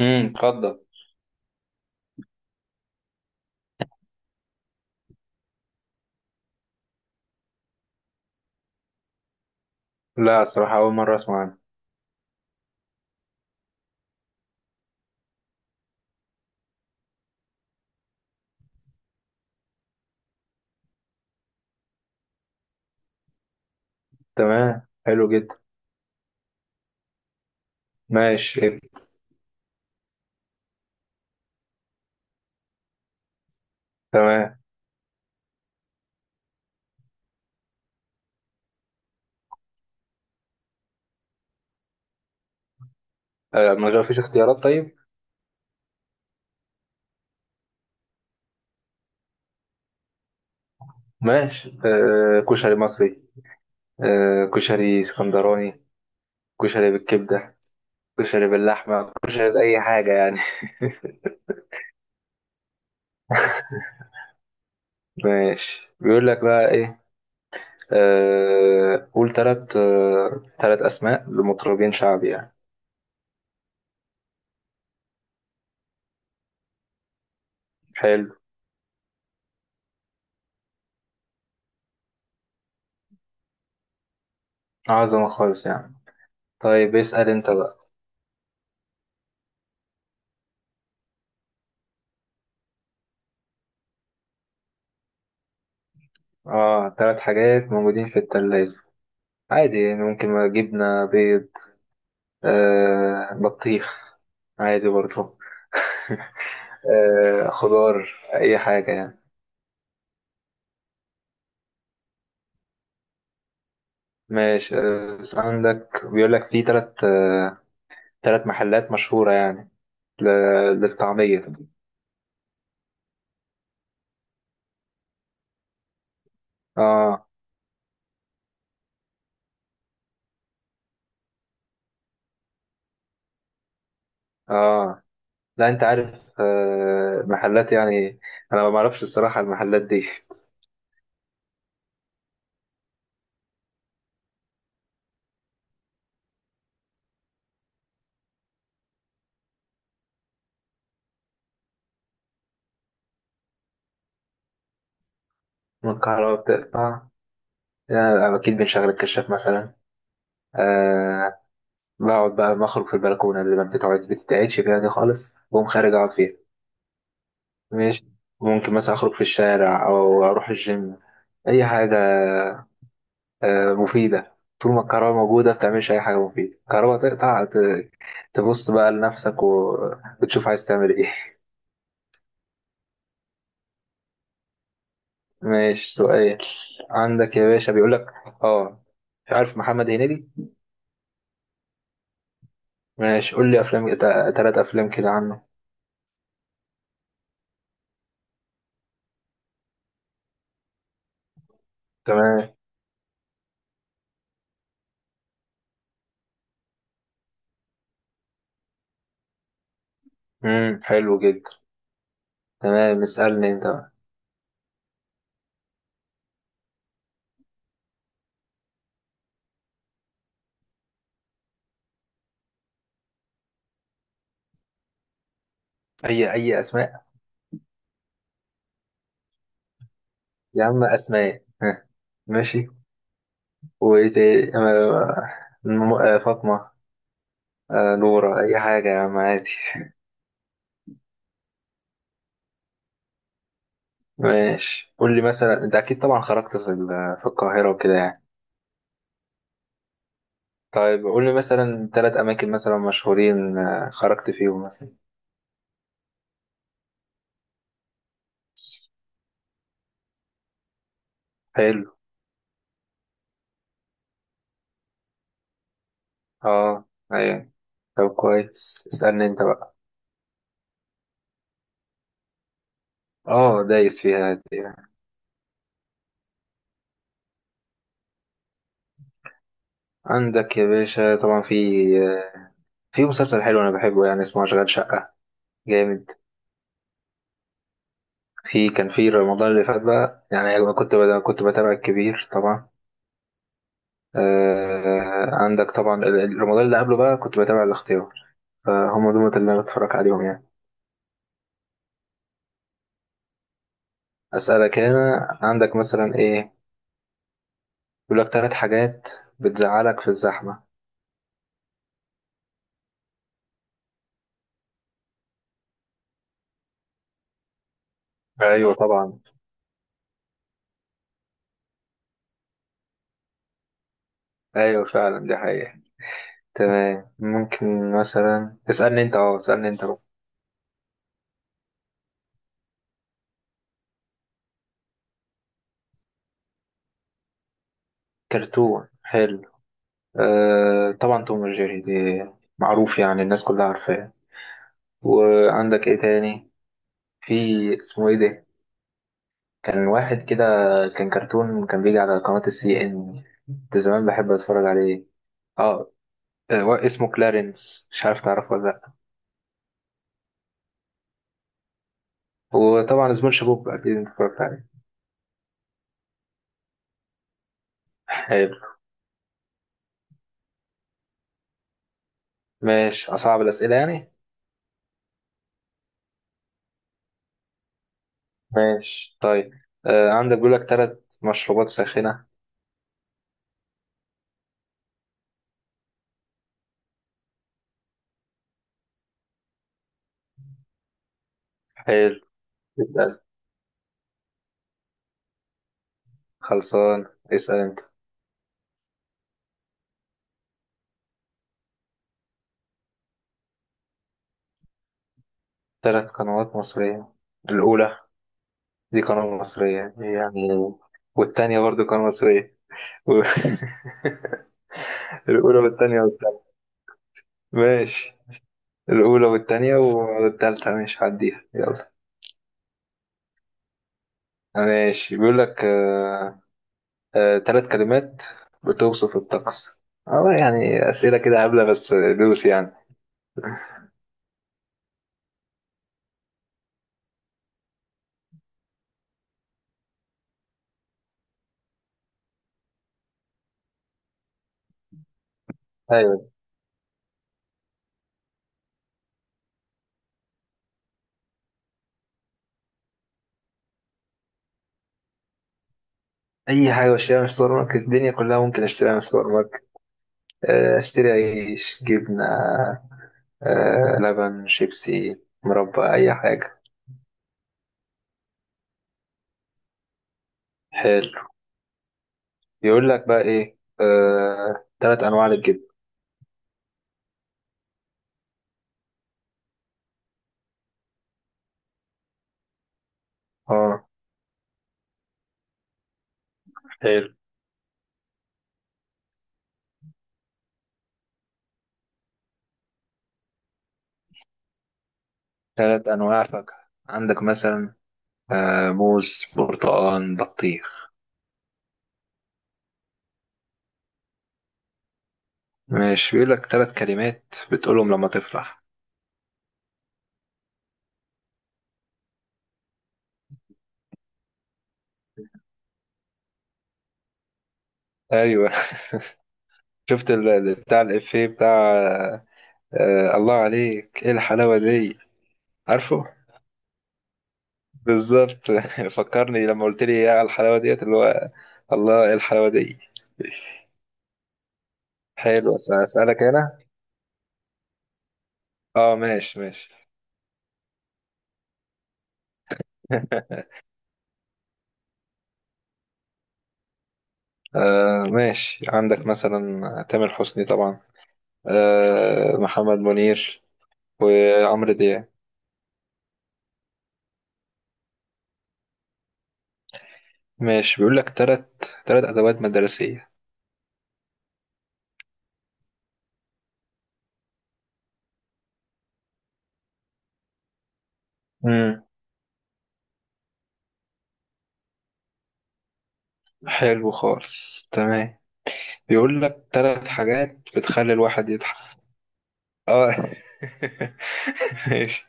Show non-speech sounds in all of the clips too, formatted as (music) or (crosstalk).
اتفضل. لا، الصراحة أول مرة أسمع عنه. تمام، حلو جدا. ماشي. تمام. آه، ما غير- فيش اختيارات. طيب. ماشي. آه، كشري مصري. آه، كشري اسكندراني. كشري بالكبدة. كشري باللحمة، كشري بأي حاجة يعني. (laughs) ماشي، بيقول لك بقى إيه؟ آه، قول تلات أسماء لمطربين شعبي يعني. حلو. عظمة خالص يعني. طيب، اسأل أنت بقى. آه، 3 حاجات موجودين في التلاجة. عادي يعني، ممكن ما جبنة، بيض. آه، بطيخ. عادي برضه. (laughs) آه، خضار، أي حاجة يعني. ماشي. آه، بس عندك بيقول لك في تلات، آه، 3 محلات مشهورة يعني. ل- للطعمية. اه. اه. لا، انت عارف؟ آه، محلات يعني. انا ما بعرفش الصراحة المحلات دي. (laughs) من الكهرباء بتقطع. يعني اكيد بنشغل الكشاف مثلا. آه. بقعد بقى بخرج في البلكونة اللي ما بتتقعدش فيها دي خالص، بقوم خارج أقعد فيها. ماشي. ممكن مثلا أخرج في الشارع أو أروح الجيم. أي حاجة. آه، مفيدة. طول ما الكهرباء موجودة بتعملش أي حاجة مفيدة، الكهرباء تقطع، تبص بقى لنفسك، وتشوف عايز تعمل إيه. (laughs) ماشي، سؤال. عندك يا باشا بيقول لك، آه، مش عارف محمد هنيدي؟ ماشي، قول لي أفلام 3 أفلام كده عنه. تمام. حلو جدا. تمام، اسألني أنت بقى. أي أسماء؟ يا عم أسماء، ها، ماشي. وإيه تاني؟ فاطمة. آه، نورة، أي حاجة يا عم عادي. ماشي، قول لي مثلا، أنت أكيد طبعا خرجت في في القاهرة وكده يعني. طيب، قول لي مثلا 3 أماكن مثلا مشهورين، آه، خرجت فيهم مثلا. حلو. أه. أيوة. طب كويس، اسألني أنت بقى. أه، دايس فيها دي يعني. عندك يا باشا طبعا في، آه، في مسلسل حلو أنا بحبه يعني، اسمه أشغال شقة. جامد. في، كان في رمضان اللي فات بقى، يعني أنا كنت بتابع الكبير طبعا. آه، عندك طبعا رمضان اللي قبله بقى كنت بتابع الاختيار. فهم دول اللي أنا بتفرج عليهم يعني. أسألك هنا، عندك مثلا إيه؟ يقول لك 3 حاجات بتزعلك في الزحمة. أيوة طبعا. أيوة فعلا، دي حقيقة. تمام، ممكن مثلا اسألني أنت بقى. كرتون، حلو. آه، طبعا توم وجيري دي معروف يعني، الناس كلها عارفاه. وعندك إيه تاني؟ في، اسمه ايه ده؟ كان واحد كده، كان كرتون كان بيجي على قناة CNN، كنت زمان بحب اتفرج عليه. اه. آه، اسمه كلارنس، مش عارف تعرفه ولا لا؟ وطبعا سبونج بوب اكيد انت اتفرجت عليه. حلو. ماشي، اصعب الاسئله يعني. ماشي، طيب. آه، عندك بيقول لك 3 مشروبات ساخنه. حلو. اسال. خلصان. اسال انت. 3 قنوات مصريه. الاولى، دي قناه مصريه يعني. والتانيه برضو قناه مصريه. و (laughs) الأولى والتانية والتالتة. ماشي. الأولى والتانية والتالتة، ماشي هعديها، يلا. ماشي، بيقول لك 3 كلمات بتوصف الطقس. اه يعني، أسئلة كده هبلة بس دوس يعني. أيوة. أي حاجة بشتريها من السوبر ماركت، الدنيا كلها ممكن أشتريها من السوبر ماركت. آه، أشتري عيش، جبنة، آه، لبن، شيبسي، مربى، أي حاجة. حلو. يقول لك بقى إيه؟ آه، 3 أنواع للجبن. اه. حلو. 3 أنواع فاكهة، عندك مثلا، آه، موز، برتقال، بطيخ. ماشي، بيقول لك 3 كلمات بتقولهم لما تفرح. ايوه. (laughs) شفت بتاع الإفيه، بتاع، آه، الله عليك ايه الحلاوة دي؟ عارفه؟ بالظبط. (laughs) فكرني لما قلت لي ايه على الحلاوة ديت اللي هو، الله ايه الحلاوة دي. حلو، أسألك هنا. اه، ماشي ماشي. (laughs) آه، ماشي، عندك مثلا تامر حسني طبعا. آه، محمد منير، وعمرو دياب. ماشي، بيقول لك تلات أدوات مدرسية. امم حلو خالص، تمام. بيقول لك 3 حاجات بتخلي الواحد يضحك. اه. (laughs) ماشي.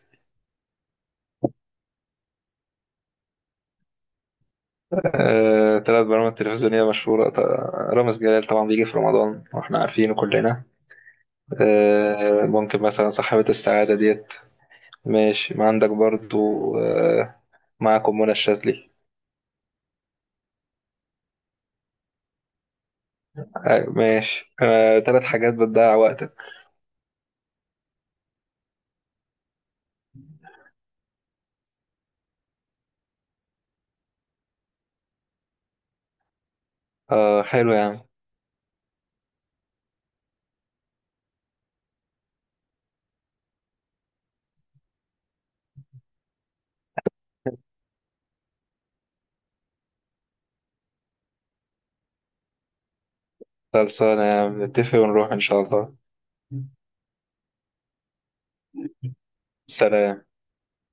آه، 3 برامج تلفزيونية مشهورة. رامز جلال طبعا بيجي في رمضان واحنا عارفينه كلنا. آه، ممكن مثلا صاحبة السعادة ديت. ماشي، ما عندك برضو، آه، معكم منى الشاذلي. أيوة، ماشي. آه، 3 حاجات بتضيع وقتك. آه، حلو يا عم. خلصانة يا عم، نتفق ونروح إن شاء الله. سلام.